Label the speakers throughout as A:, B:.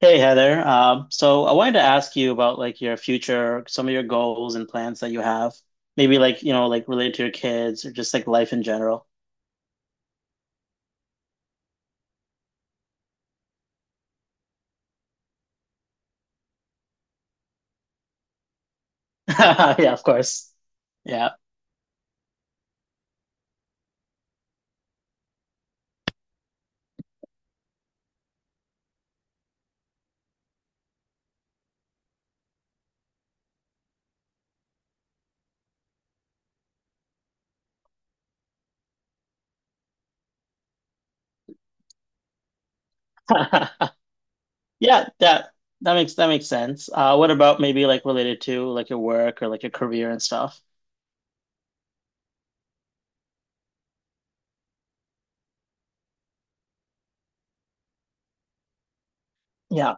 A: Hey Heather, so I wanted to ask you about like your future, some of your goals and plans that you have, maybe like you know like related to your kids or just like life in general. Yeah, of course. Yeah, yeah, that makes sense. What about maybe like related to like your work or like your career and stuff? Yeah,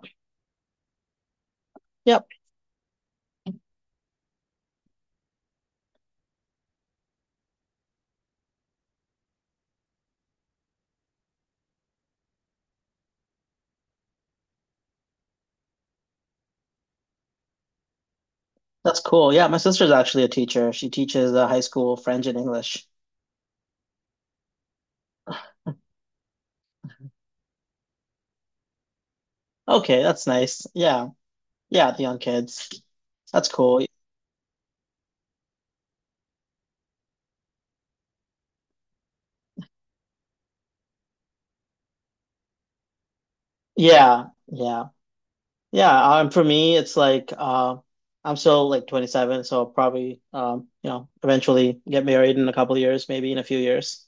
A: yep, that's cool. Yeah, my sister's actually a teacher. She teaches high school French and English. Okay, that's nice. Yeah, yeah, the young kids. That's cool. Yeah, yeah. Yeah, for me, it's like I'm still like 27, so I'll probably you know, eventually get married in a couple of years, maybe in a few years.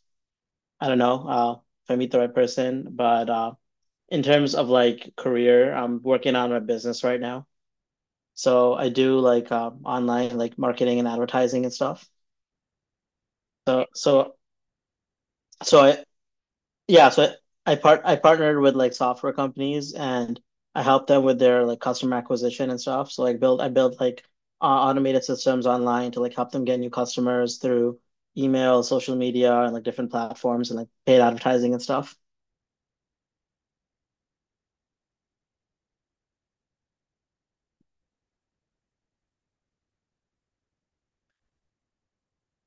A: I don't know if I meet the right person, but in terms of like career, I'm working on my business right now. So I do like online like marketing and advertising and stuff. So so so I Yeah, so I partnered with like software companies and I helped them with their like customer acquisition and stuff. So like build I built like automated systems online to like help them get new customers through email, social media, and like different platforms and like paid advertising and stuff.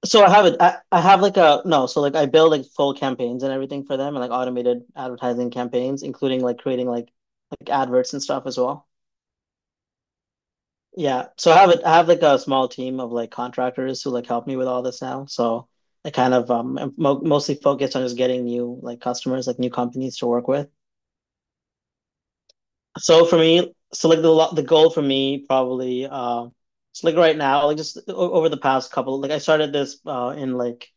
A: So I have it. I have like a no. So like I build like full campaigns and everything for them and like automated advertising campaigns, including like creating like adverts and stuff as well. Yeah. So I have it. I have like a small team of like contractors who like help me with all this now. So I kind of am mo mostly focused on just getting new like customers, like new companies to work with. So for me, so like the goal for me probably so like right now, like just over the past couple, like I started this in like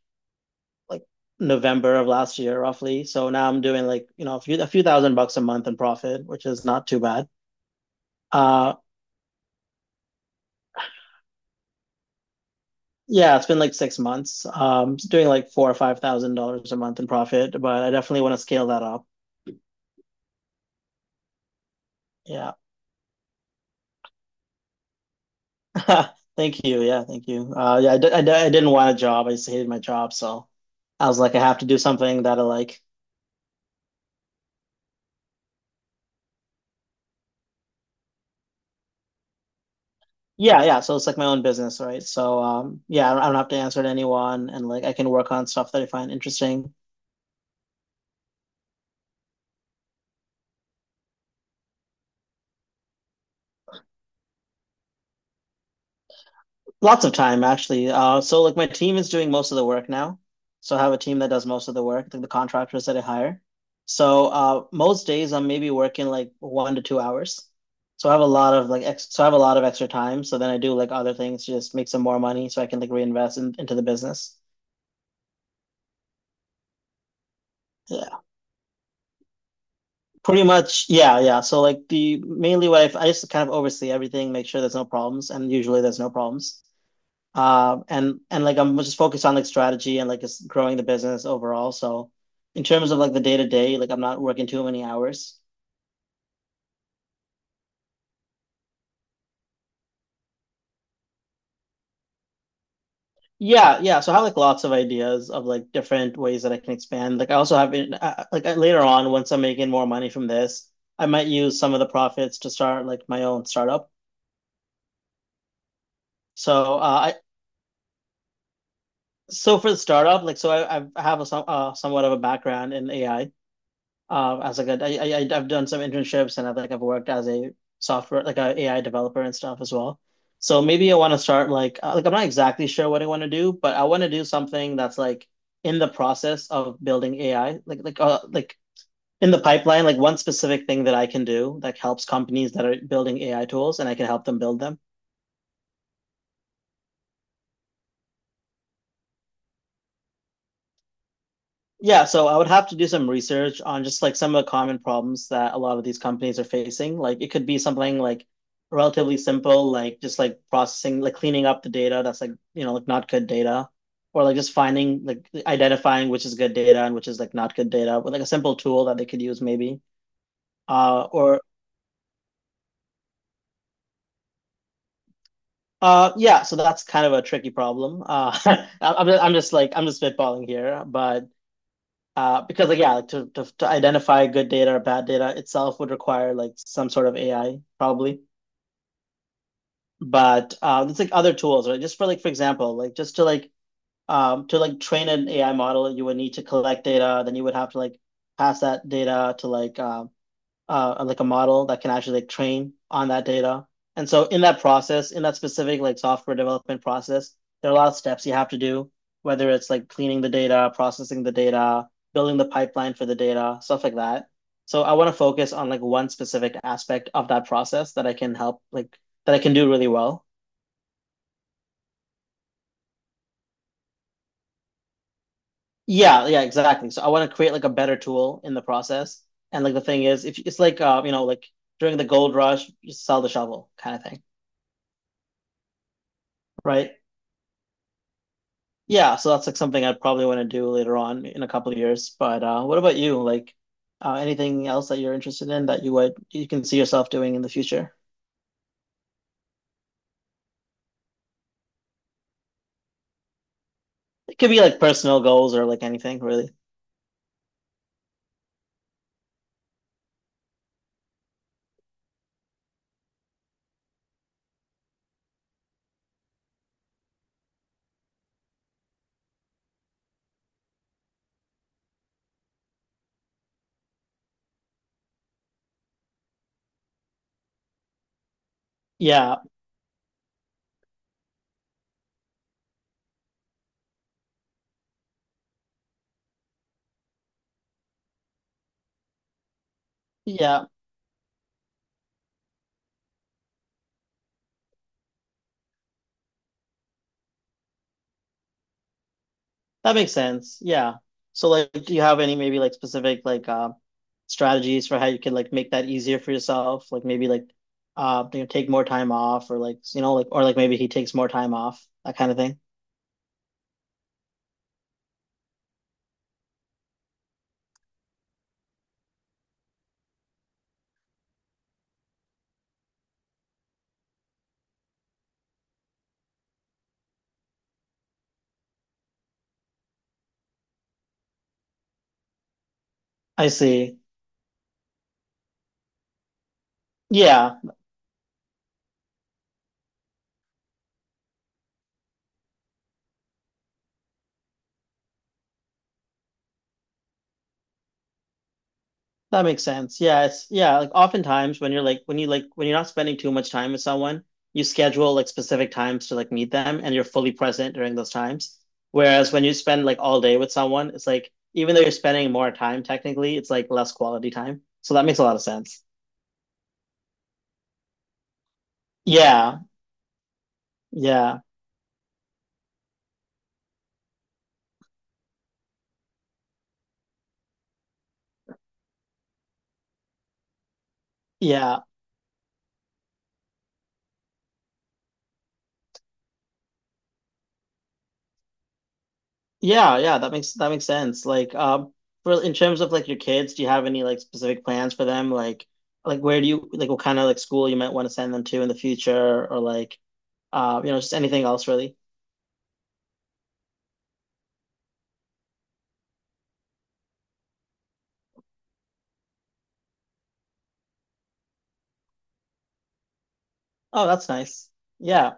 A: like November of last year roughly. So now I'm doing like you know a few 1,000 bucks a month in profit, which is not too bad. Uh, Yeah, it's been like 6 months. It's doing like four or five thousand dollars a month in profit, but I definitely want to scale that up. Yeah, thank you. Yeah, thank you. Yeah, I didn't want a job. I just hated my job, so I was like, I have to do something that I like. Yeah, yeah. So it's like my own business, right? So yeah, I don't have to answer to anyone, and like I can work on stuff that I find interesting. Lots of time actually. So like my team is doing most of the work now. So I have a team that does most of the work, like the contractors that I hire. So most days I'm maybe working like 1 to 2 hours. So I have a lot of like ex so I have a lot of extra time. So then I do like other things to just make some more money so I can like reinvest into the business. Yeah, pretty much. Yeah, yeah. So like the mainly I just kind of oversee everything, make sure there's no problems, and usually there's no problems. And like I'm just focused on like strategy and like just growing the business overall. So in terms of like the day to day, like I'm not working too many hours. Yeah, yeah. So I have like lots of ideas of like different ways that I can expand. Like I also have in, like later on once I'm making more money from this, I might use some of the profits to start like my own startup. So I so for the startup, like so I have a somewhat of a background in AI. As like I've done some internships and I've worked as a software like a AI developer and stuff as well. So maybe I want to start like I'm not exactly sure what I want to do, but I want to do something that's like in the process of building AI, like in the pipeline, like one specific thing that I can do that helps companies that are building AI tools and I can help them build them. Yeah, so I would have to do some research on just like some of the common problems that a lot of these companies are facing. Like it could be something like relatively simple, like just like processing, like cleaning up the data that's like, you know, like not good data, or like just finding, like identifying which is good data and which is like not good data with like a simple tool that they could use maybe. Or yeah, so that's kind of a tricky problem. I'm just like I'm just spitballing here, but because like yeah, like to identify good data or bad data itself would require like some sort of AI probably. But it's like other tools, right? Just for like for example, like just to to like train an AI model, you would need to collect data, then you would have to like pass that data to like a model that can actually like train on that data. And so in that process, in that specific like software development process, there are a lot of steps you have to do, whether it's like cleaning the data, processing the data, building the pipeline for the data, stuff like that. So I want to focus on like one specific aspect of that process that I can help like that I can do really well. Yeah, yeah, exactly. So I want to create like a better tool in the process. And like the thing is, if it's like you know, like during the gold rush, you sell the shovel kind of thing, right? Yeah, so that's like something I probably want to do later on in a couple of years. But what about you? Like anything else that you're interested in that you can see yourself doing in the future? It could be like personal goals or like anything really. Yeah, yeah, that makes sense. Yeah. So like, do you have any maybe like specific like strategies for how you could like make that easier for yourself? Like maybe like you know, take more time off or like you know like or like maybe he takes more time off that kind of thing. I see. Yeah. That makes sense. Yeah, like oftentimes when you're like when you like when you're not spending too much time with someone, you schedule like specific times to like meet them and you're fully present during those times. Whereas when you spend like all day with someone, it's like even though you're spending more time technically, it's like less quality time. So that makes a lot of sense. Yeah. Yeah. Yeah. Yeah, yeah, that makes sense. Like, for in terms of like your kids, do you have any like specific plans for them? Like where do you like what kind of like school you might want to send them to in the future, or like, you know, just anything else really? Oh, that's nice. Yeah,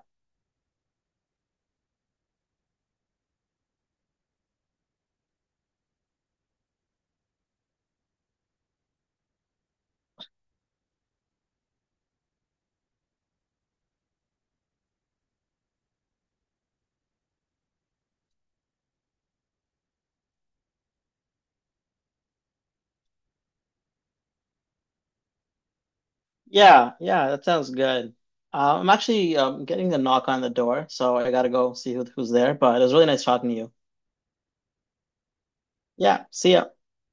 A: yeah, yeah. That sounds good. I'm actually getting a knock on the door, so I gotta go see who's there. But it was really nice talking to you. Yeah, see ya.